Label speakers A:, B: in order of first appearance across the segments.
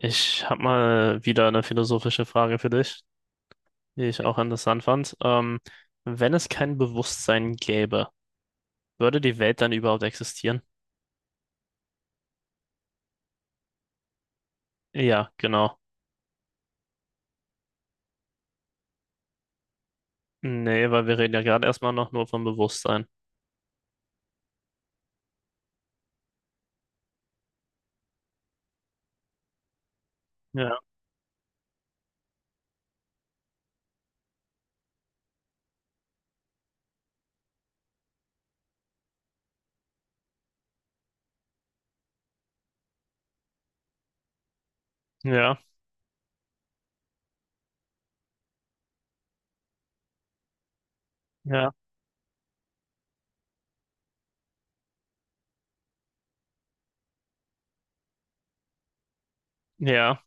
A: Ich habe mal wieder eine philosophische Frage für dich, die ich auch interessant fand. Wenn es kein Bewusstsein gäbe, würde die Welt dann überhaupt existieren? Ja, genau. Nee, weil wir reden ja gerade erstmal noch nur vom Bewusstsein. Ja, ja, ja, ja.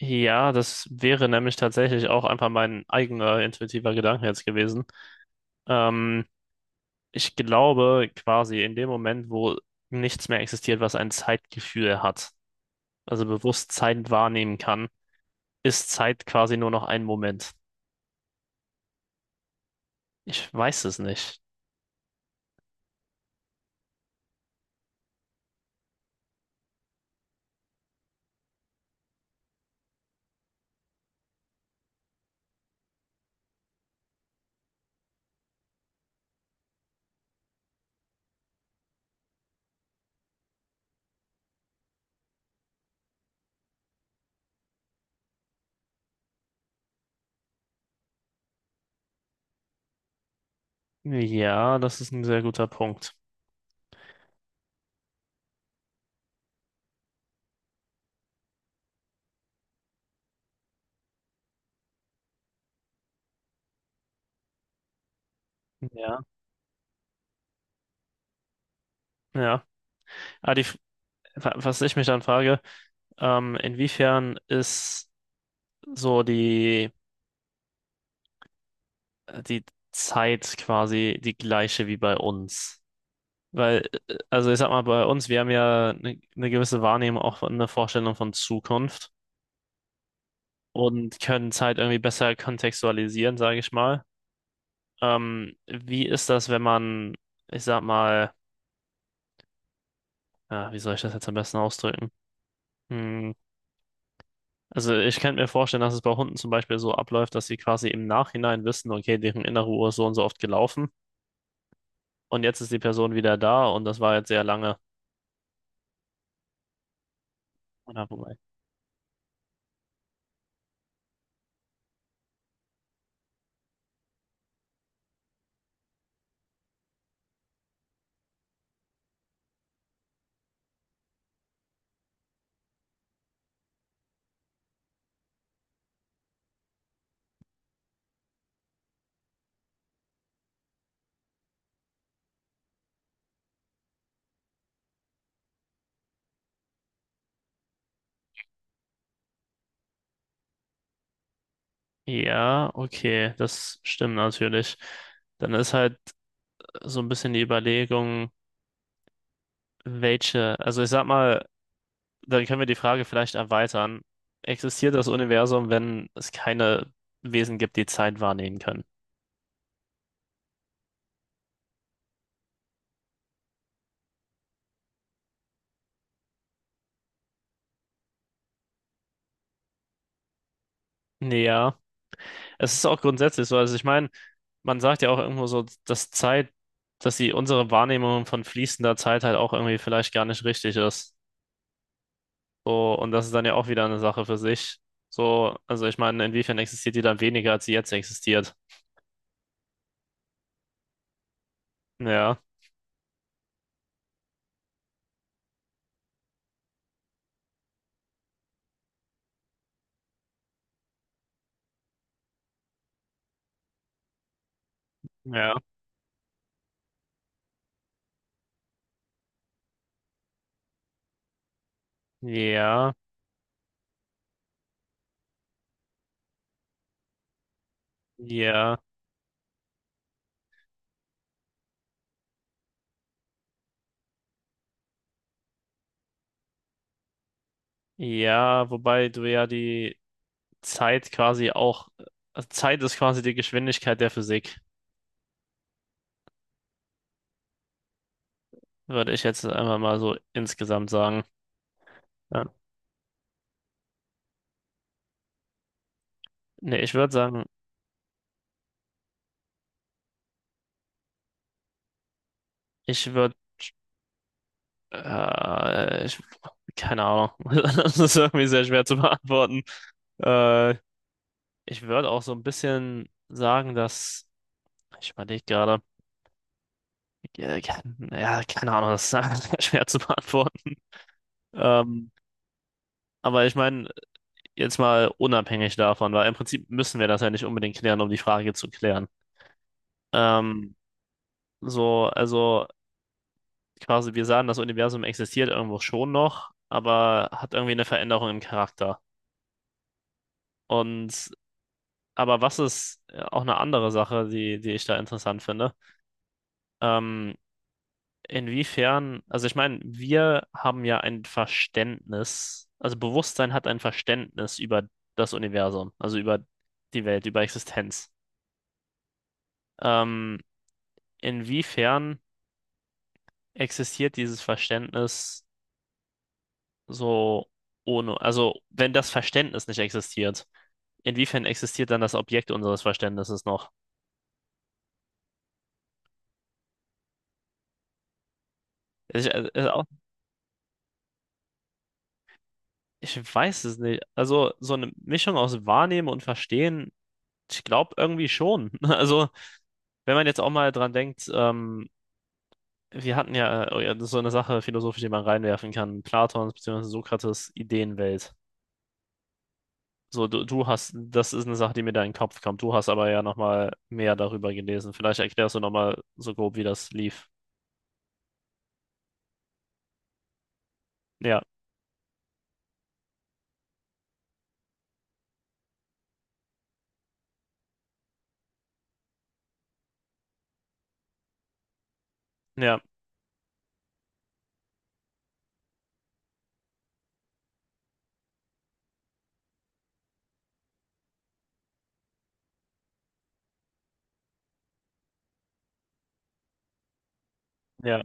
A: Ja, das wäre nämlich tatsächlich auch einfach mein eigener intuitiver Gedanke jetzt gewesen. Ähm, Ich glaube quasi in dem Moment, wo nichts mehr existiert, was ein Zeitgefühl hat, also bewusst Zeit wahrnehmen kann, ist Zeit quasi nur noch ein Moment? Ich weiß es nicht. Ja, das ist ein sehr guter Punkt. Ja, ja. Ah, die, F- was ich mich dann frage: inwiefern ist so die Zeit quasi die gleiche wie bei uns? Weil, also ich sag mal, bei uns, wir haben ja eine gewisse Wahrnehmung, auch eine Vorstellung von Zukunft und können Zeit irgendwie besser kontextualisieren, sage ich mal. Wie ist das, wenn man, ich sag mal, ja, wie soll ich das jetzt am besten ausdrücken? Hm. Also ich könnte mir vorstellen, dass es bei Hunden zum Beispiel so abläuft, dass sie quasi im Nachhinein wissen, okay, deren innere Uhr ist so und so oft gelaufen und jetzt ist die Person wieder da und das war jetzt sehr lange. Oder wobei. Ja, okay, das stimmt natürlich. Dann ist halt so ein bisschen die Überlegung, welche, also ich sag mal, dann können wir die Frage vielleicht erweitern. Existiert das Universum, wenn es keine Wesen gibt, die Zeit wahrnehmen können? Ja. Es ist auch grundsätzlich so. Also ich meine, man sagt ja auch irgendwo so, dass Zeit, dass die unsere Wahrnehmung von fließender Zeit halt auch irgendwie vielleicht gar nicht richtig ist. So, und das ist dann ja auch wieder eine Sache für sich. So, also ich meine, inwiefern existiert die dann weniger, als sie jetzt existiert? Ja, ja, ja, ja, ja, wobei du ja die Zeit quasi auch, also Zeit ist quasi die Geschwindigkeit der Physik, würde ich jetzt einfach mal so insgesamt sagen. Ja. Nee, ich würde sagen, ich würde ich, keine Ahnung. Das ist irgendwie sehr schwer zu beantworten. Äh, Ich würde auch so ein bisschen sagen, dass. Ich überlege gerade. Ja, ke- ja, keine Ahnung, das ist einfach sehr schwer zu beantworten. Ähm, aber ich meine, jetzt mal unabhängig davon, weil im Prinzip müssen wir das ja nicht unbedingt klären, um die Frage zu klären. Ähm, so, also quasi, wir sagen, das Universum existiert irgendwo schon noch, aber hat irgendwie eine Veränderung im Charakter. Und aber was ist auch eine andere Sache, die ich da interessant finde? Ähm, inwiefern, also ich meine, wir haben ja ein Verständnis, also Bewusstsein hat ein Verständnis über das Universum, also über die Welt, über Existenz. Ähm, inwiefern existiert dieses Verständnis so ohne, also wenn das Verständnis nicht existiert, inwiefern existiert dann das Objekt unseres Verständnisses noch? Also Ich, äh, äh, Ich weiß es nicht. Also so eine Mischung aus Wahrnehmen und Verstehen, ich glaube irgendwie schon. Also wenn man jetzt auch mal dran denkt, wir hatten ja, oh ja, das ist so eine Sache philosophisch, die man reinwerfen kann: Platons bzw. Sokrates Ideenwelt. So, du hast, das ist eine Sache, die mir da in den Kopf kommt. Du hast aber ja nochmal mehr darüber gelesen. Vielleicht erklärst du nochmal so grob, wie das lief. Ja, ja, ja,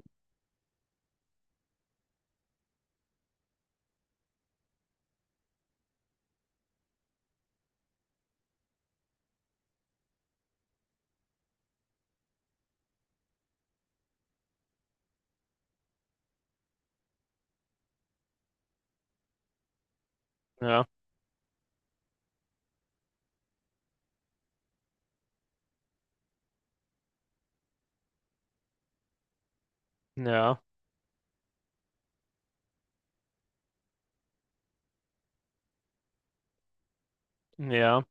A: ja, ja, ja,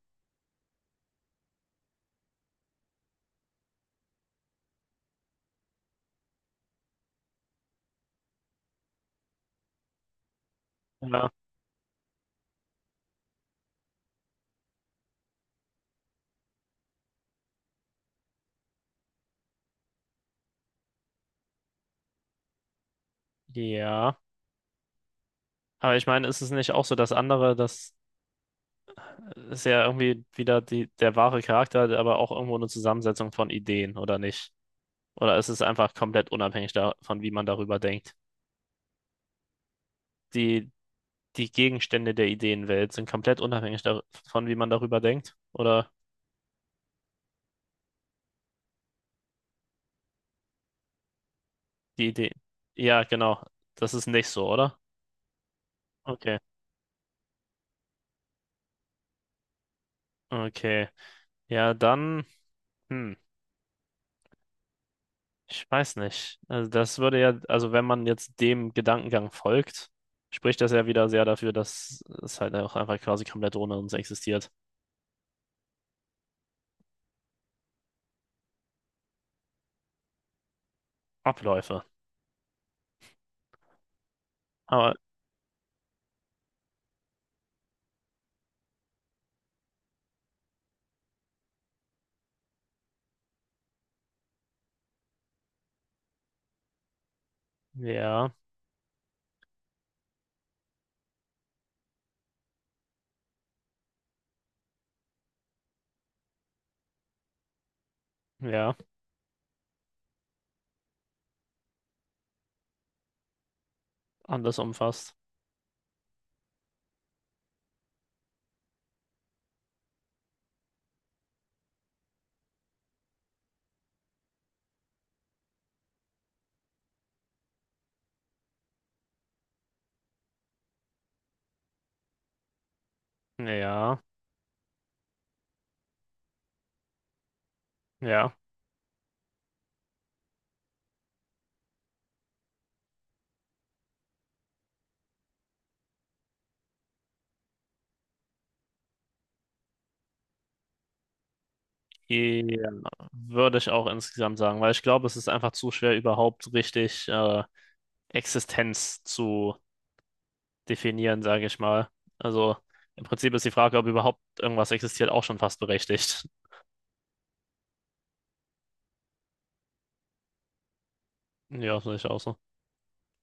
A: ja, ja. Aber ich meine, ist es nicht auch so, dass andere das ist ja irgendwie wieder die, der wahre Charakter, aber auch irgendwo eine Zusammensetzung von Ideen, oder nicht? Oder ist es einfach komplett unabhängig davon, wie man darüber denkt? Die, die Gegenstände der Ideenwelt sind komplett unabhängig davon, wie man darüber denkt? Oder die Idee? Ja, genau. Das ist nicht so, oder? Okay. Okay. Ja, dann, hm, ich weiß nicht. Also das würde ja, also wenn man jetzt dem Gedankengang folgt, spricht das ja wieder sehr dafür, dass es halt auch einfach quasi komplett ohne uns existiert. Abläufe. Aber ja, ja, anders umfasst. Ja, ja. Ja, würde ich auch insgesamt sagen, weil ich glaube, es ist einfach zu schwer, überhaupt richtig Existenz zu definieren, sage ich mal. Also im Prinzip ist die Frage, ob überhaupt irgendwas existiert, auch schon fast berechtigt. Ja, sehe ich auch so.